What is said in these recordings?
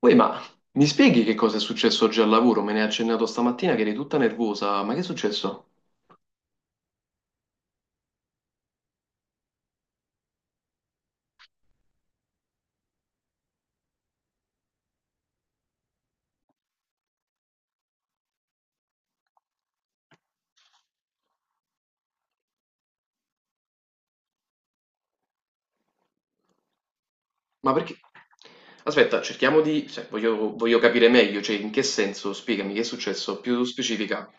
Uè, ma mi spieghi che cosa è successo oggi al lavoro? Me ne hai accennato stamattina che eri tutta nervosa. Ma che è successo? Ma perché? Aspetta, cerchiamo di... cioè, voglio capire meglio, cioè, in che senso? Spiegami che è successo, più specifica.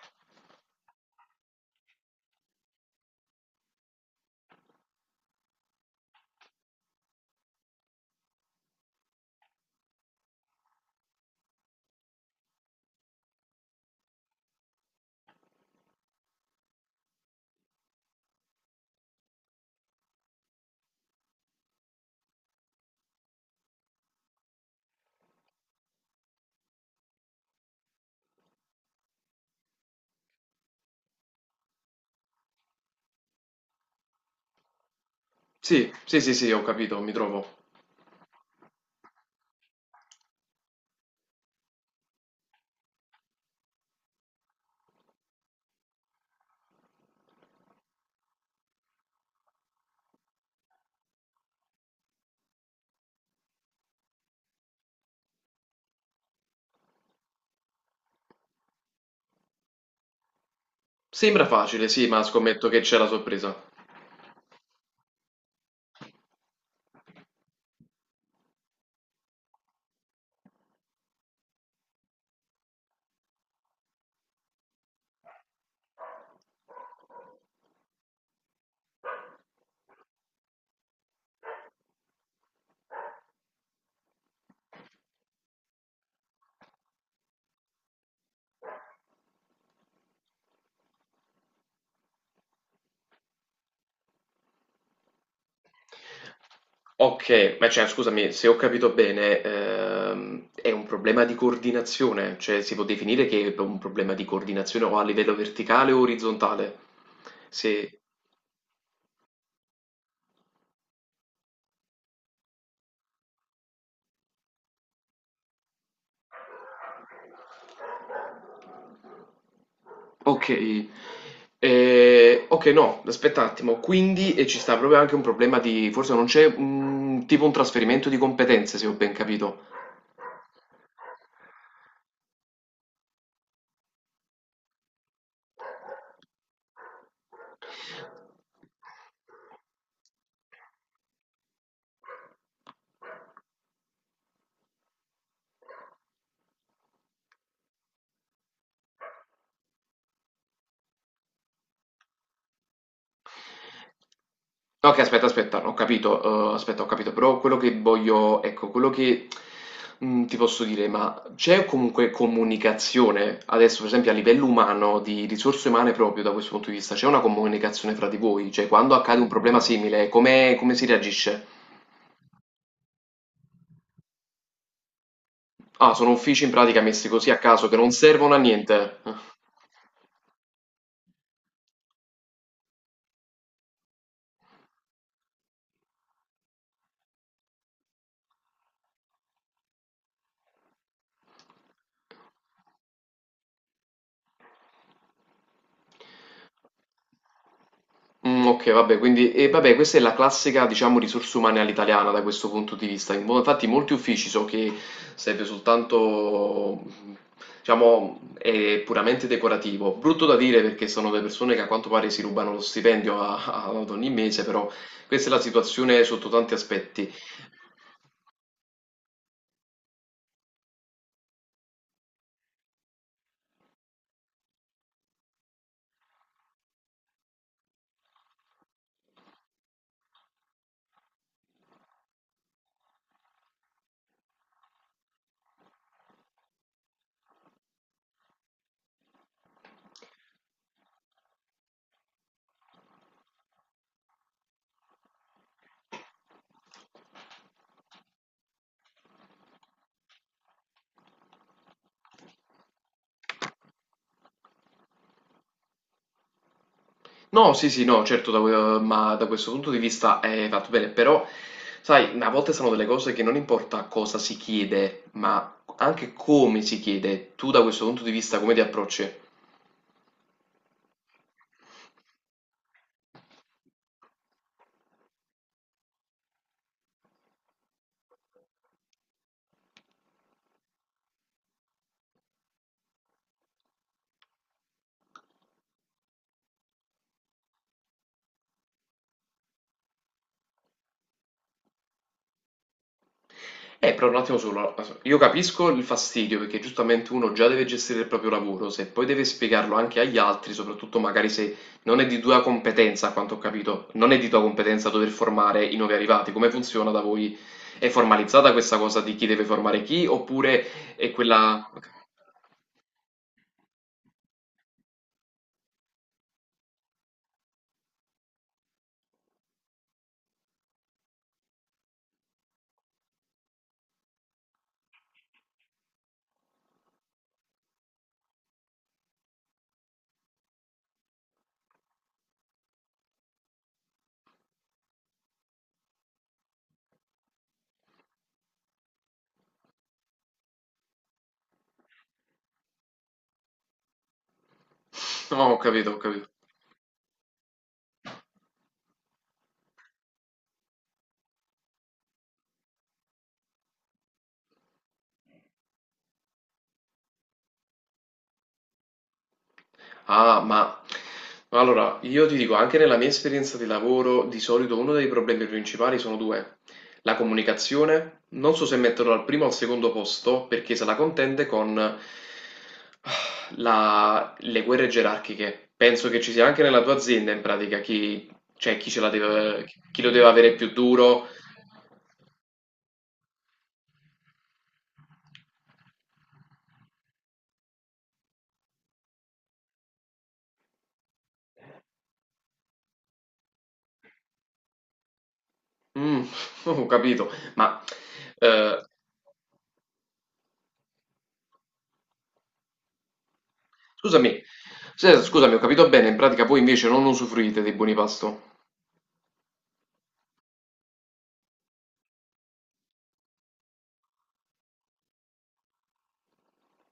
Sì, sì, sì, sì, ho capito, mi trovo. Sembra facile, sì, ma scommetto che c'è la sorpresa. Ok, ma cioè, scusami, se ho capito bene, è un problema di coordinazione, cioè si può definire che è un problema di coordinazione o a livello verticale o orizzontale. Se... Ok. Ok, no, aspetta un attimo. Quindi ci sta proprio anche un problema di, forse non c'è un tipo un trasferimento di competenze, se ho ben capito. Ok, aspetta, ho capito, aspetta, ho capito, però quello che voglio, ecco, quello che ti posso dire, ma c'è comunque comunicazione, adesso per esempio a livello umano, di risorse umane proprio da questo punto di vista, c'è una comunicazione fra di voi, cioè quando accade un problema simile, come si reagisce? Ah, sono uffici in pratica messi così a caso che non servono a niente. Mm, ok, vabbè, quindi e vabbè, questa è la classica, diciamo, risorse umane all'italiana da questo punto di vista. Infatti, molti uffici so che serve soltanto, diciamo, è puramente decorativo. Brutto da dire perché sono delle persone che a quanto pare si rubano lo stipendio ad ogni mese, però questa è la situazione sotto tanti aspetti. No, sì, sì, no, certo, ma da questo punto di vista hai fatto bene, però, sai, a volte sono delle cose che non importa cosa si chiede, ma anche come si chiede. Tu da questo punto di vista come ti approcci? Però un attimo solo, io capisco il fastidio perché giustamente uno già deve gestire il proprio lavoro, se poi deve spiegarlo anche agli altri, soprattutto magari se non è di tua competenza, a quanto ho capito, non è di tua competenza dover formare i nuovi arrivati, come funziona da voi? È formalizzata questa cosa di chi deve formare chi, oppure è quella... Ok. No, ho capito. Ah, ma allora io ti dico, anche nella mia esperienza di lavoro, di solito uno dei problemi principali sono due. La comunicazione, non so se metterlo al primo o al secondo posto, perché se la contende con la- le guerre gerarchiche. Penso che ci sia anche nella tua azienda, in pratica, chi, cioè, chi ce la deve, chi lo deve avere più duro. Mm, ho capito, ma eh, scusami, scusami, ho capito bene, in pratica voi invece non usufruite dei buoni pasto.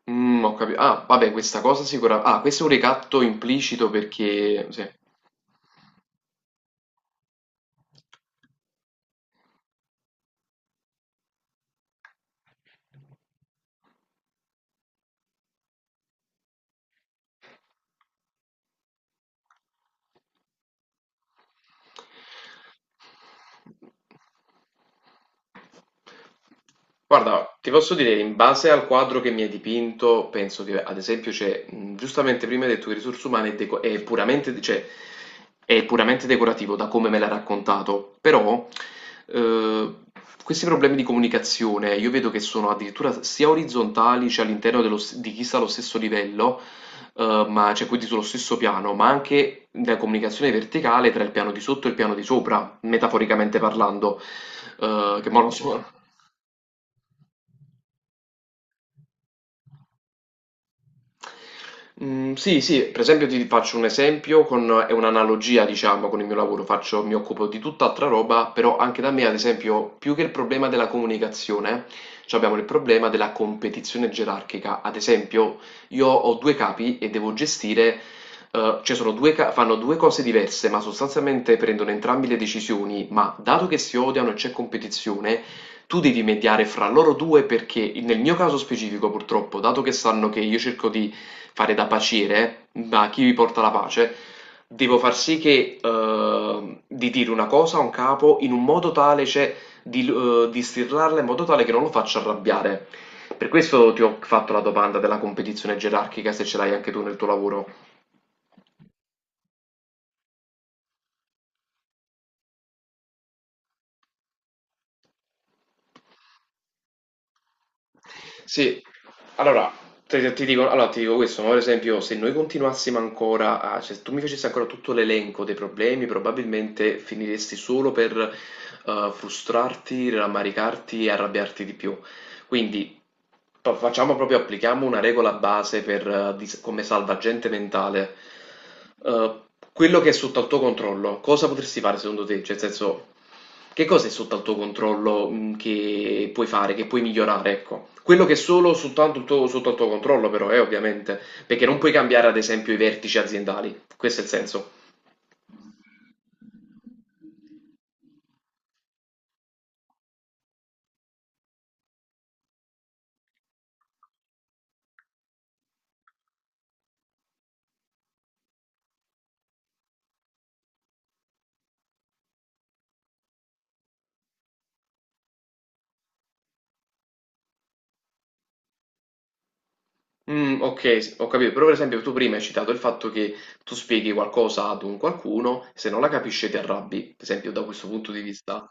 Mm, ho capito. Ah, vabbè, questa cosa sicuramente. Ah, questo è un ricatto implicito perché. Sì. Guarda, ti posso dire, in base al quadro che mi hai dipinto, penso che ad esempio c'è, giustamente prima hai detto che risorse umane è, è puramente, cioè, è puramente decorativo da come me l'ha raccontato, però eh, questi problemi di comunicazione io vedo che sono addirittura sia orizzontali, cioè all'interno di chi sta allo stesso livello, ma cioè quindi sullo stesso piano, ma anche la comunicazione verticale tra il piano di sotto e il piano di sopra, metaforicamente parlando, che mo non so. Mhmm, sì, sì, per esempio ti faccio un esempio con è un'analogia diciamo con il mio lavoro, faccio mi occupo di tutt'altra roba, però anche da me ad esempio più che il problema della comunicazione, c'abbiamo il problema della competizione gerarchica. Ad esempio io ho 2 capi e devo gestire cioè sono 2 ca fanno 2 cose diverse, ma sostanzialmente prendono entrambi le decisioni, ma dato che si odiano e c'è competizione, tu devi mediare fra loro due perché nel mio caso specifico purtroppo, dato che sanno che io cerco di fare da paciere, da chi vi porta la pace, devo far sì che di dire una cosa a un capo in un modo tale, cioè di stirlarla in modo tale che non lo faccia arrabbiare. Per questo ti ho fatto la domanda della competizione gerarchica, se ce l'hai anche tu nel tuo lavoro. Sì, allora dico, allora, ti dico questo, ma per esempio se noi continuassimo ancora a, cioè, se tu mi facessi ancora tutto l'elenco dei problemi, probabilmente finiresti solo per frustrarti, rammaricarti e arrabbiarti di più. Quindi facciamo proprio, applichiamo una regola base per, come salvagente mentale. Eh, quello che è sotto al tuo controllo, cosa potresti fare secondo te? Cioè, nel senso... Che cosa è sotto al tuo controllo, che puoi fare, che puoi migliorare, ecco. Quello che è solo soltanto il tuo sotto al tuo controllo però ovviamente, perché non puoi cambiare ad esempio i vertici aziendali, questo è il senso. Mhmm, okay, s ho capito, però per esempio tu prima hai citato il fatto che tu spieghi qualcosa ad un qualcuno, se non la capisce ti arrabbi, per esempio da questo punto di vista.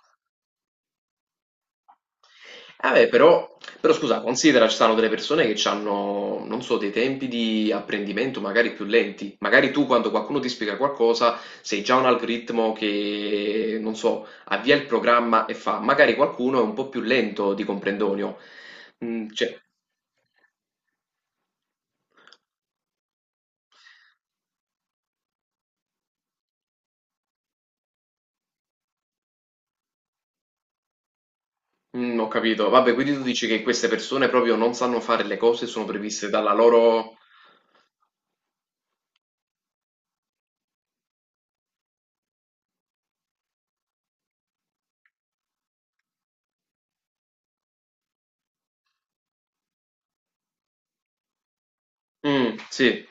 Eh beh, però, però scusa, considera ci sono delle persone che hanno, non so, dei tempi di apprendimento magari più lenti. Magari tu quando qualcuno ti spiega qualcosa sei già un algoritmo che, non so, avvia il programma e fa. Magari qualcuno è un po' più lento di comprendonio. Mm, cioè, ho capito. Vabbè, quindi tu dici che queste persone proprio non sanno fare le cose, sono previste dalla loro... Mm, sì.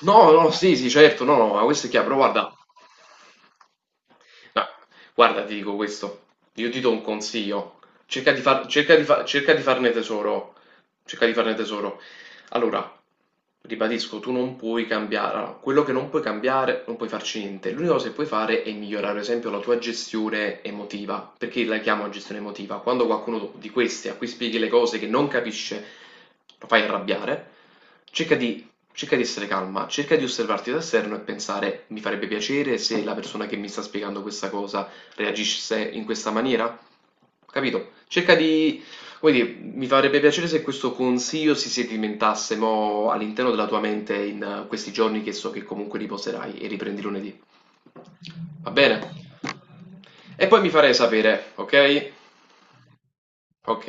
No, no, sì, sì, certo, no, no, ma questo è chiaro, però guarda. No, guarda, ti dico questo, io ti do un consiglio, cerca di farne tesoro, cerca di farne tesoro. Allora, ribadisco, tu non puoi cambiare, allora, quello che non puoi cambiare, non puoi farci niente. L'unica cosa che puoi fare è migliorare, ad esempio, la tua gestione emotiva. Perché la chiamo gestione emotiva? Quando qualcuno di questi a cui spieghi le cose che non capisce, lo fai arrabbiare, cerca di cerca di essere calma, cerca di osservarti da esterno e pensare: mi farebbe piacere se la persona che mi sta spiegando questa cosa reagisse in questa maniera? Capito? Cerca di, come dire, mi farebbe piacere se questo consiglio si sedimentasse mo all'interno della tua mente in questi giorni che so che comunque riposerai e riprendi lunedì. Va bene? E poi mi farei sapere, ok? Ok.